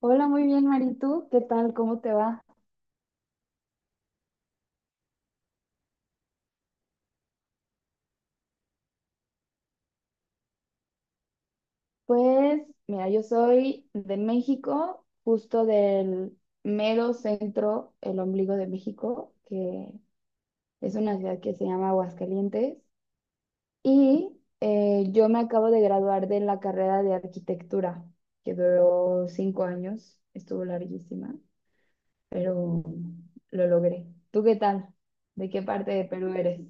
Hola, muy bien, Mari. ¿Qué tal? ¿Cómo te va? Pues, mira, yo soy de México, justo del mero centro, el ombligo de México, que es una ciudad que se llama Aguascalientes. Y yo me acabo de graduar de la carrera de arquitectura, que duró 5 años, estuvo larguísima, pero lo logré. ¿Tú qué tal? ¿De qué parte de Perú eres?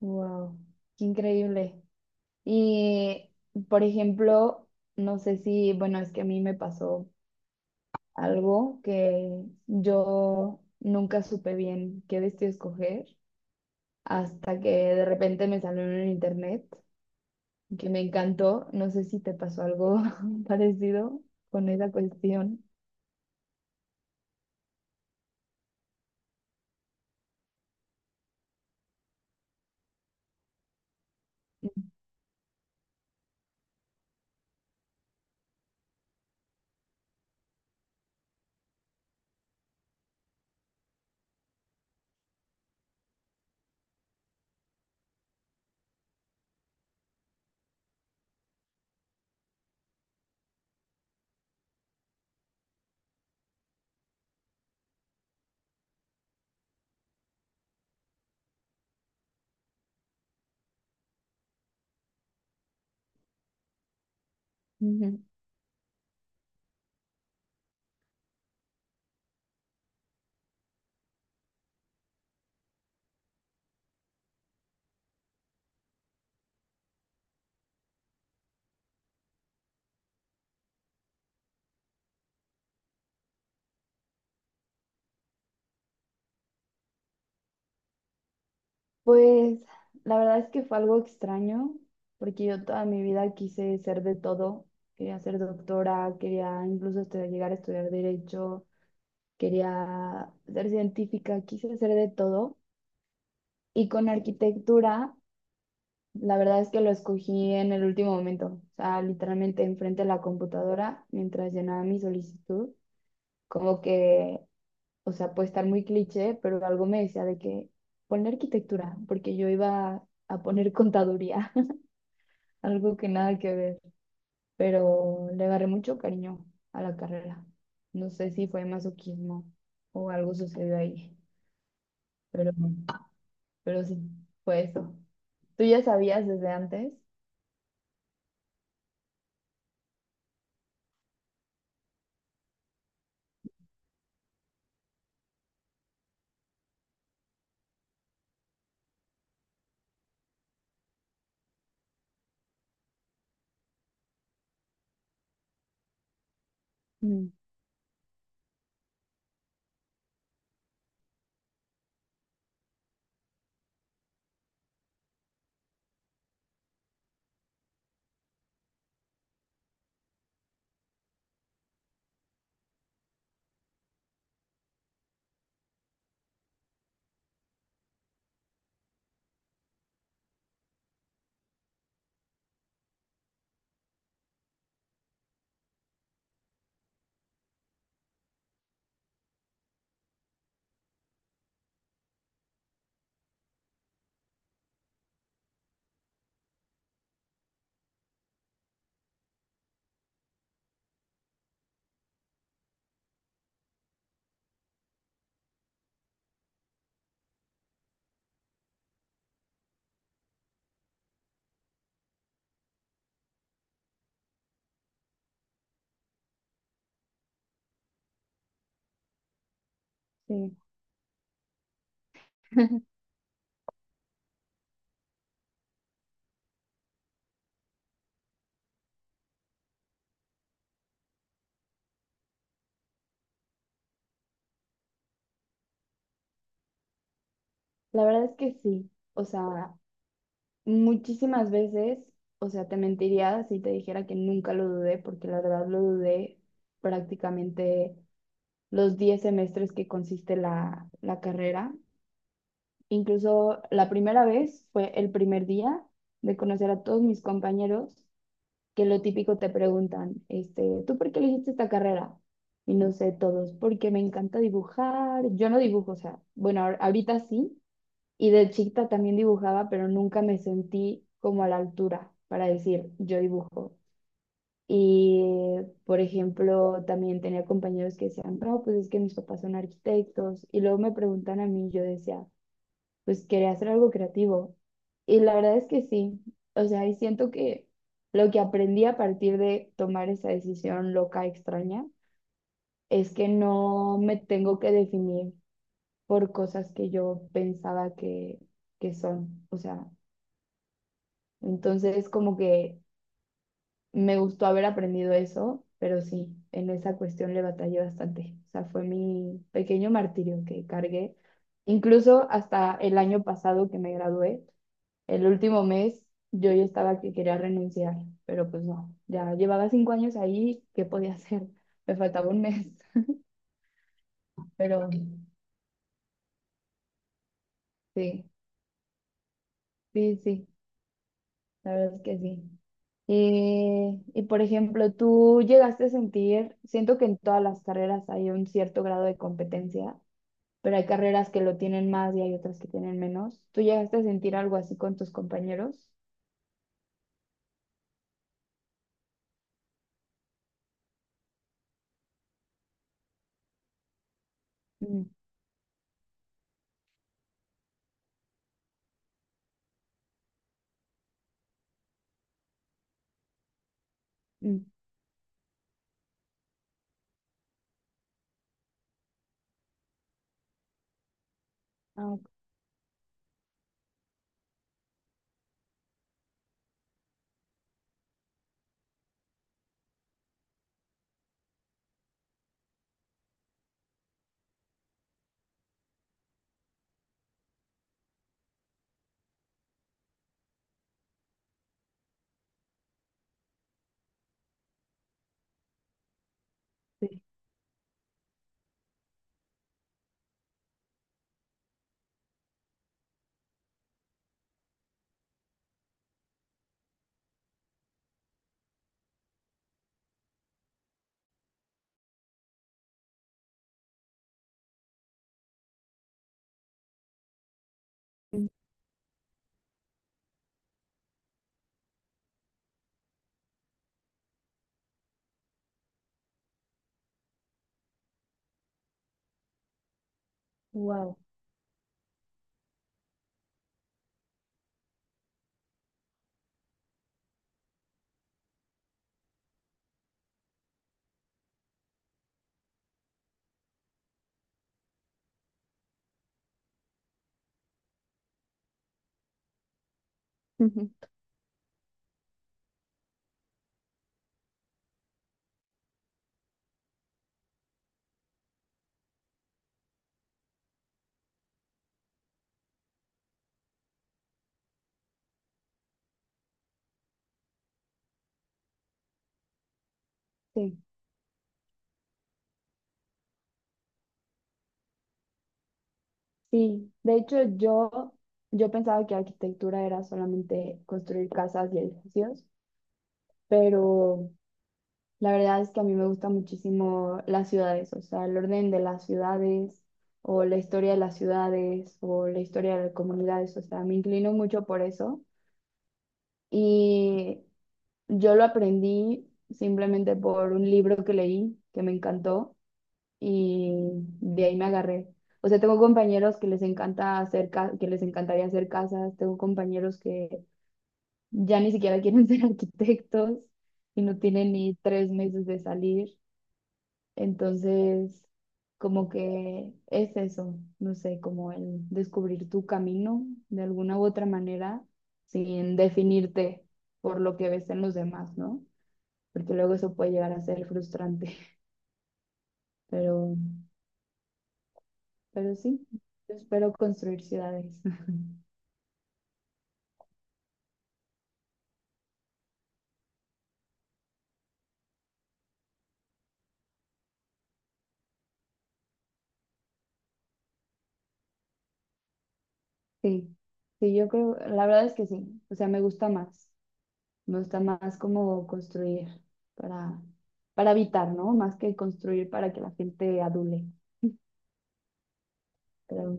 Wow, qué increíble. Y, por ejemplo, no sé si, bueno, es que a mí me pasó algo que yo nunca supe bien qué vestido escoger hasta que de repente me salió en el internet que me encantó. No sé si te pasó algo parecido con esa cuestión. Ujú. Pues la verdad es que fue algo extraño, porque yo toda mi vida quise ser de todo. Quería ser doctora, quería incluso llegar a estudiar derecho. Quería ser científica, quise hacer de todo. Y con arquitectura, la verdad es que lo escogí en el último momento, o sea, literalmente enfrente de la computadora mientras llenaba mi solicitud, como que, o sea, puede estar muy cliché, pero algo me decía de que poner arquitectura, porque yo iba a poner contaduría, algo que nada que ver, pero le agarré mucho cariño a la carrera. No sé si fue masoquismo o algo sucedió ahí, pero... pero sí, fue eso. ¿Tú ya sabías desde antes? Mm, sí. La verdad es que sí, o sea, muchísimas veces, o sea, te mentiría si te dijera que nunca lo dudé, porque la verdad lo dudé prácticamente los 10 semestres que consiste la carrera. Incluso la primera vez fue el primer día de conocer a todos mis compañeros que lo típico te preguntan, este, ¿tú por qué elegiste esta carrera? Y no sé, todos, porque me encanta dibujar. Yo no dibujo, o sea, bueno, ahorita sí, y de chiquita también dibujaba, pero nunca me sentí como a la altura para decir, yo dibujo. Y, por ejemplo, también tenía compañeros que decían, no, pues es que mis papás son arquitectos. Y luego me preguntan a mí, yo decía, pues quería hacer algo creativo. Y la verdad es que sí, o sea, y siento que lo que aprendí a partir de tomar esa decisión loca, extraña, es que no me tengo que definir por cosas que yo pensaba que son. O sea, entonces como que me gustó haber aprendido eso, pero sí, en esa cuestión le batallé bastante. O sea, fue mi pequeño martirio que cargué. Incluso hasta el año pasado que me gradué. El último mes yo ya estaba que quería renunciar, pero pues no, ya llevaba 5 años ahí, ¿qué podía hacer? Me faltaba un mes, pero sí, sí, sí, la verdad es que sí. Y por ejemplo, tú llegaste a sentir, siento que en todas las carreras hay un cierto grado de competencia, pero hay carreras que lo tienen más y hay otras que tienen menos. ¿Tú llegaste a sentir algo así con tus compañeros? Mm. Mm. Ah, ok. Sí. Wow. Sí. Sí, de hecho yo pensaba que arquitectura era solamente construir casas y edificios, pero la verdad es que a mí me gustan muchísimo las ciudades, o sea, el orden de las ciudades o la historia de las ciudades o la historia de las comunidades, o sea, me inclino mucho por eso y yo lo aprendí simplemente por un libro que leí que me encantó y de ahí me agarré. O sea, tengo compañeros que les encanta hacer que les encantaría hacer casas, tengo compañeros que ya ni siquiera quieren ser arquitectos y no tienen ni 3 meses de salir. Entonces, como que es eso, no sé, como el descubrir tu camino de alguna u otra manera sin definirte por lo que ves en los demás, ¿no? Porque luego eso puede llegar a ser frustrante, pero Pero sí, yo espero construir ciudades. Sí, sí, yo creo, la verdad es que sí. O sea, me gusta más. Me gusta más como construir para, para habitar, ¿no? Más que construir para que la gente adule. Pero,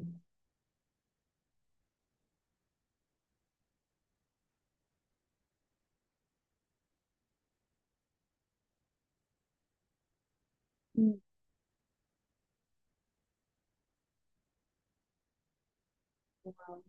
mm, wow,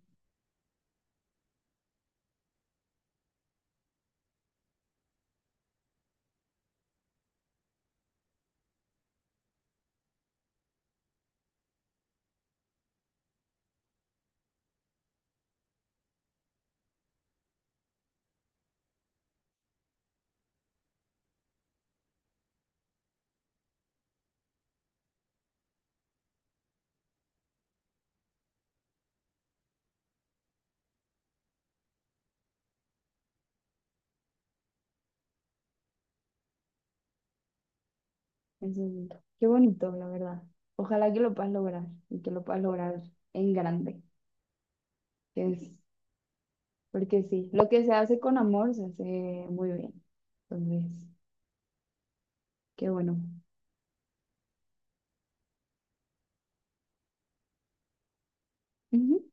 eso es- qué bonito, la verdad. Ojalá que lo puedas lograr y que lo puedas lograr en grande. Que es, porque sí, lo que se hace con amor se hace muy bien. Entonces, qué bueno. Ujú.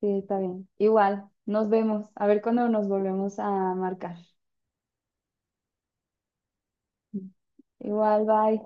Sí, está bien. Igual, nos vemos. A ver cuándo nos volvemos a marcar. Igual, bye.